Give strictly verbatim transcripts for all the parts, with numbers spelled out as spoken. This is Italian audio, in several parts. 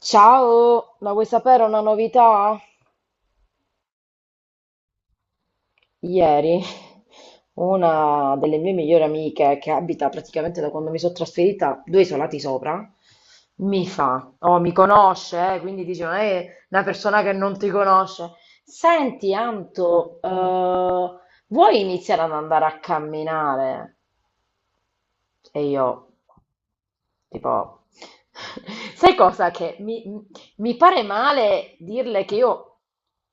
Ciao, ma vuoi sapere una novità? Ieri una delle mie migliori amiche, che abita praticamente da quando mi sono trasferita due isolati sopra, mi fa, oh, mi conosce, eh, quindi dice, non è una persona che non ti conosce. Senti, Anto, eh, vuoi iniziare ad andare a camminare? E io, Tipo, sai cosa? Che mi, mi pare male dirle che io,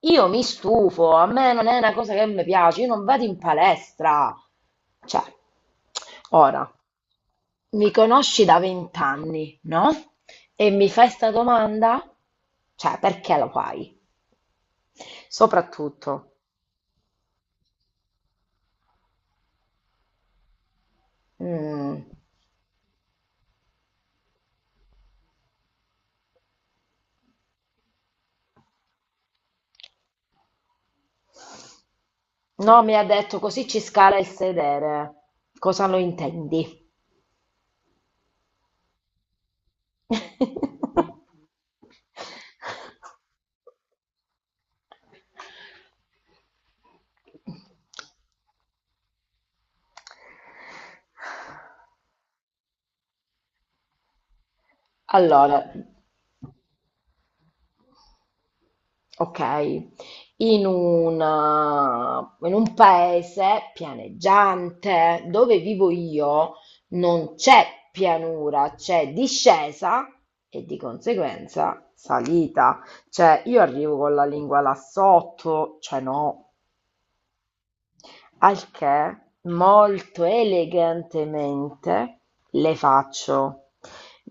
io mi stufo, a me non è una cosa che mi piace, io non vado in palestra. Cioè, ora, mi conosci da vent'anni, no? E mi fai sta domanda? Cioè, perché lo fai? Soprattutto, mm, no, mi ha detto così ci scala il sedere. Cosa lo intendi? Allora, ok, in una- in un paese pianeggiante dove vivo io non c'è pianura, c'è discesa e di conseguenza salita. Cioè, io arrivo con la lingua là sotto, cioè no. Al che, molto elegantemente, le faccio: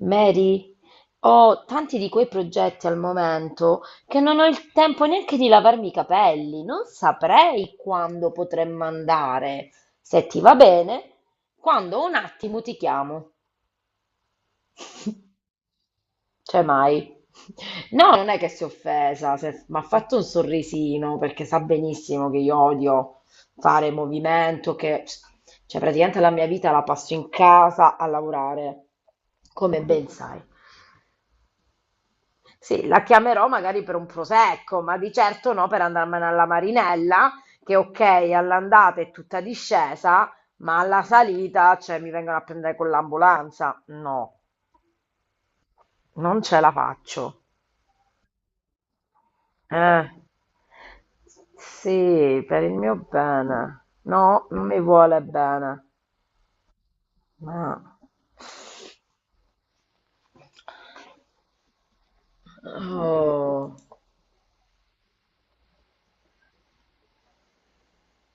Mary, ho tanti di quei progetti al momento che non ho il tempo neanche di lavarmi i capelli. Non saprei quando potremmo andare. Se ti va bene, quando ho un attimo ti chiamo. Cioè mai. No, non è che si è offesa, se- ma ha fatto un sorrisino perché sa benissimo che io odio fare movimento, che cioè praticamente la mia vita la passo in casa a lavorare, come ben sai. Sì, la chiamerò magari per un prosecco, ma di certo no per andarmene alla Marinella, che ok, all'andata è tutta discesa, ma alla salita, cioè, mi vengono a prendere con l'ambulanza. No, non ce la faccio. Eh, sì, per il mio bene. No, non mi vuole bene. Ma. Oh,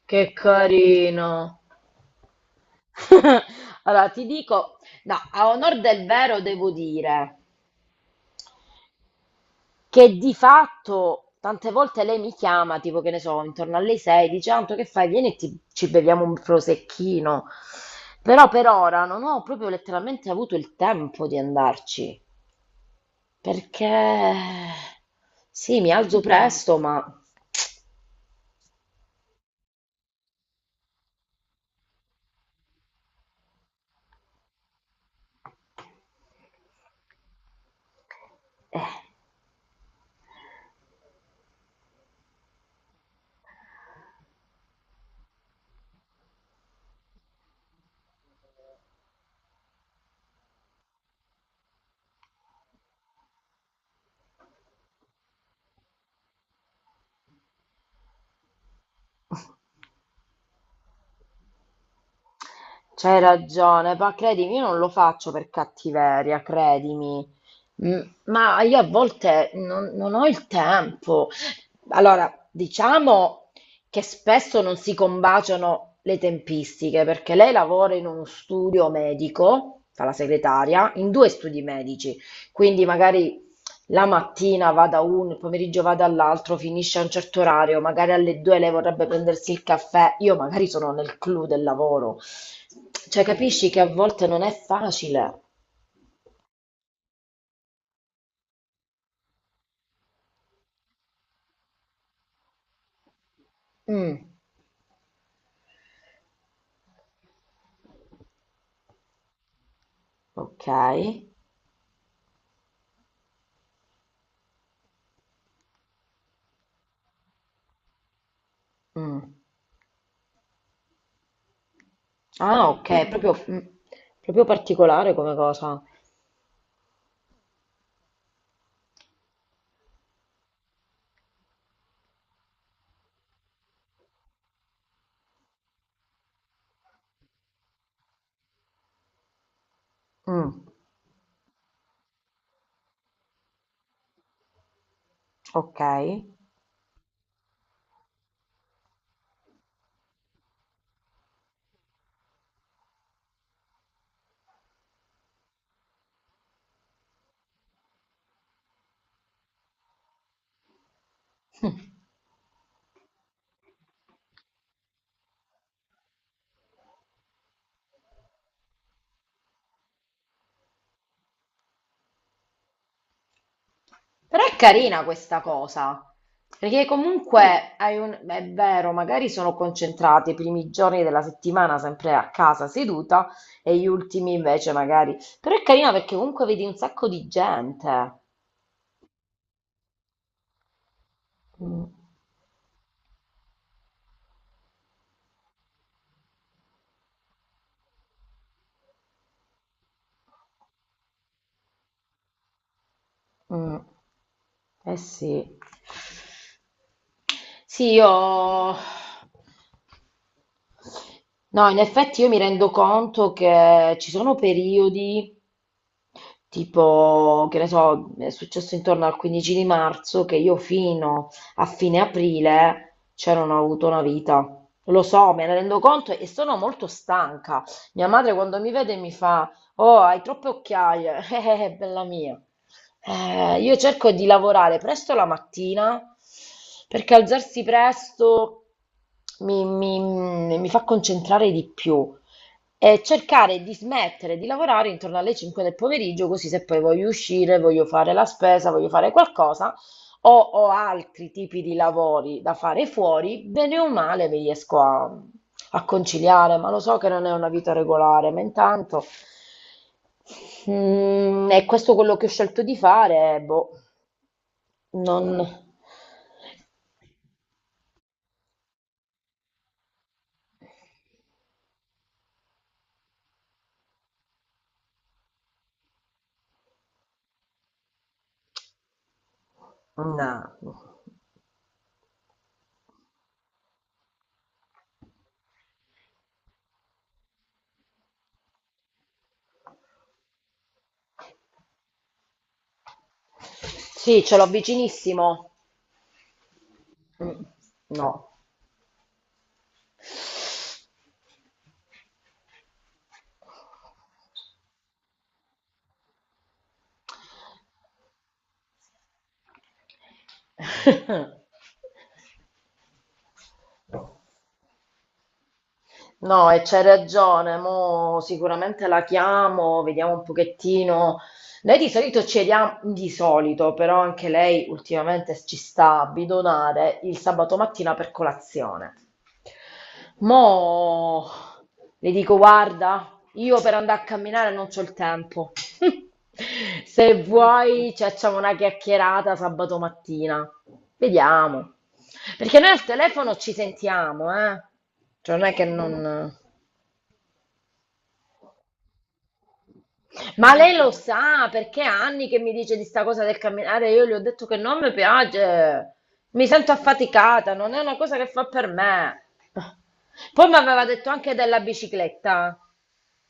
che carino. Allora, ti dico, no, a onor del vero devo dire che di fatto tante volte lei mi chiama, tipo che ne so, intorno alle sei, dice Anto, che fai? Vieni e ti- ci beviamo un prosecchino. Però per ora non ho proprio letteralmente avuto il tempo di andarci. Perché sì, mi alzo presto, ma eh, c'hai ragione, ma credimi, io non lo faccio per cattiveria, credimi. Mm, Ma io a volte non, non ho il tempo. Allora, diciamo che spesso non si combaciano le tempistiche, perché lei lavora in uno studio medico, fa la segretaria, in due studi medici, quindi magari la mattina va da uno, il pomeriggio va dall'altro, finisce a un certo orario, magari alle due lei vorrebbe prendersi il caffè, io magari sono nel clou del lavoro. Cioè, capisci che a volte non è facile. Mm, ok. Mm. Ah, ok, Quindi proprio, mm, proprio particolare come cosa. Mm, ok. Mm. Però è carina questa cosa, perché sì, comunque hai un- è vero, magari sono concentrati i primi giorni della settimana sempre a casa seduta e gli ultimi invece magari. Però è carina perché comunque vedi un sacco di gente. Mm, mm. Eh sì. Sì, io. No, in effetti io mi rendo conto che ci sono periodi Tipo, che ne so, è successo intorno al quindici di marzo che io fino a fine aprile cioè non ho avuto una vita. Lo so, me ne rendo conto e sono molto stanca. Mia madre quando mi vede mi fa, oh, hai troppe occhiaie, eh, eh, bella mia. Eh, io cerco di lavorare presto la mattina perché alzarsi presto mi mi- mi fa concentrare di più e cercare di smettere di lavorare intorno alle cinque del pomeriggio, così se poi voglio uscire, voglio fare la spesa, voglio fare qualcosa o ho altri tipi di lavori da fare fuori, bene o male mi riesco a, a conciliare, ma lo so che non è una vita regolare, ma intanto mm, è questo quello che ho scelto di fare, boh, non. No. Sì, ce l'ho vicinissimo. Mm, no. No, e c'hai ragione, mo sicuramente la chiamo, vediamo un pochettino. Noi di solito ci vediamo, di solito, però anche lei ultimamente ci sta a bidonare il sabato mattina per colazione. Mo le dico, guarda, io per andare a camminare non c'ho il tempo. Se vuoi ci facciamo una chiacchierata sabato mattina. Vediamo. Perché noi al telefono ci sentiamo, eh? Cioè non è che non. Ma lei lo sa perché è anni che mi dice di sta cosa del camminare, io gli ho detto che non mi piace, mi sento affaticata, non è una cosa che fa per me. Poi mi aveva detto anche della bicicletta.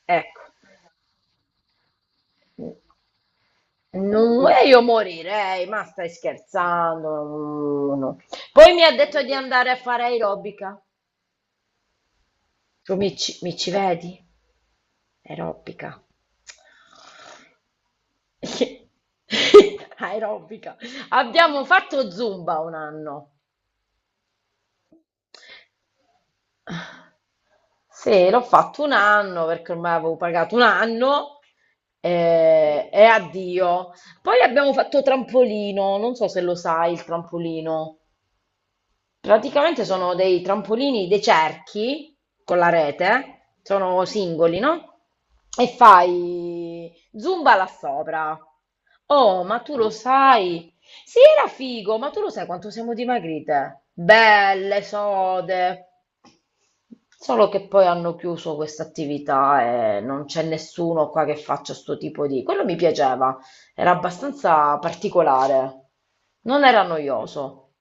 Ecco, non, e io morirei, ma stai scherzando. No, no, no. Poi mi ha detto di andare a fare aerobica. Tu mi ci mi ci vedi? Aerobica. Aerobica. Abbiamo fatto Zumba un anno. Sì, l'ho fatto un anno perché ormai avevo pagato un anno eh, e addio. Poi abbiamo fatto trampolino, non so se lo sai il trampolino. Praticamente sono dei trampolini, dei cerchi con la rete, sono singoli, no? E fai zumba là sopra. Oh, ma tu lo sai? Sì, era figo, ma tu lo sai quanto siamo dimagrite? Belle, sode. Solo che poi hanno chiuso questa attività e non c'è nessuno qua che faccia sto tipo di. Quello mi piaceva, era abbastanza particolare, non era noioso.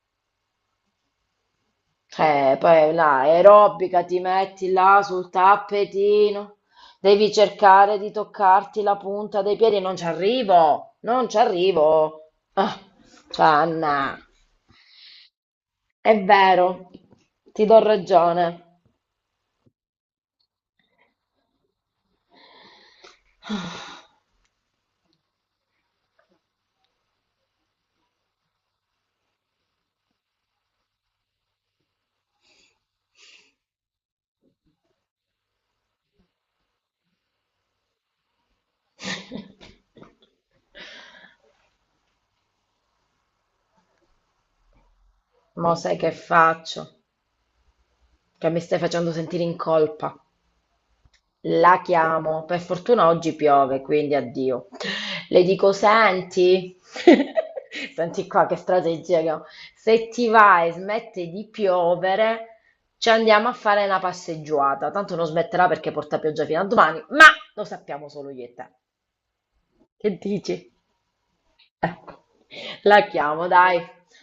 Eh, poi la aerobica ti metti là sul tappetino, devi cercare di toccarti la punta dei piedi, non ci arrivo, non ci arrivo. Ah, Anna, è vero, ti do ragione. Mo sai che faccio? Che mi stai facendo sentire in colpa. La chiamo, per fortuna oggi piove, quindi addio. Le dico, senti, senti qua che strategia che ho. Se ti va e smette di piovere, ci andiamo a fare una passeggiata. Tanto non smetterà perché porta pioggia fino a domani, ma lo sappiamo solo io e te. Che dici? Ecco, la chiamo, dai.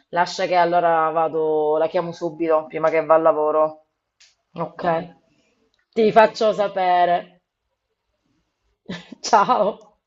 Lascia che allora vado, la chiamo subito, prima che va al lavoro. Ok? Ti faccio sapere. Ciao.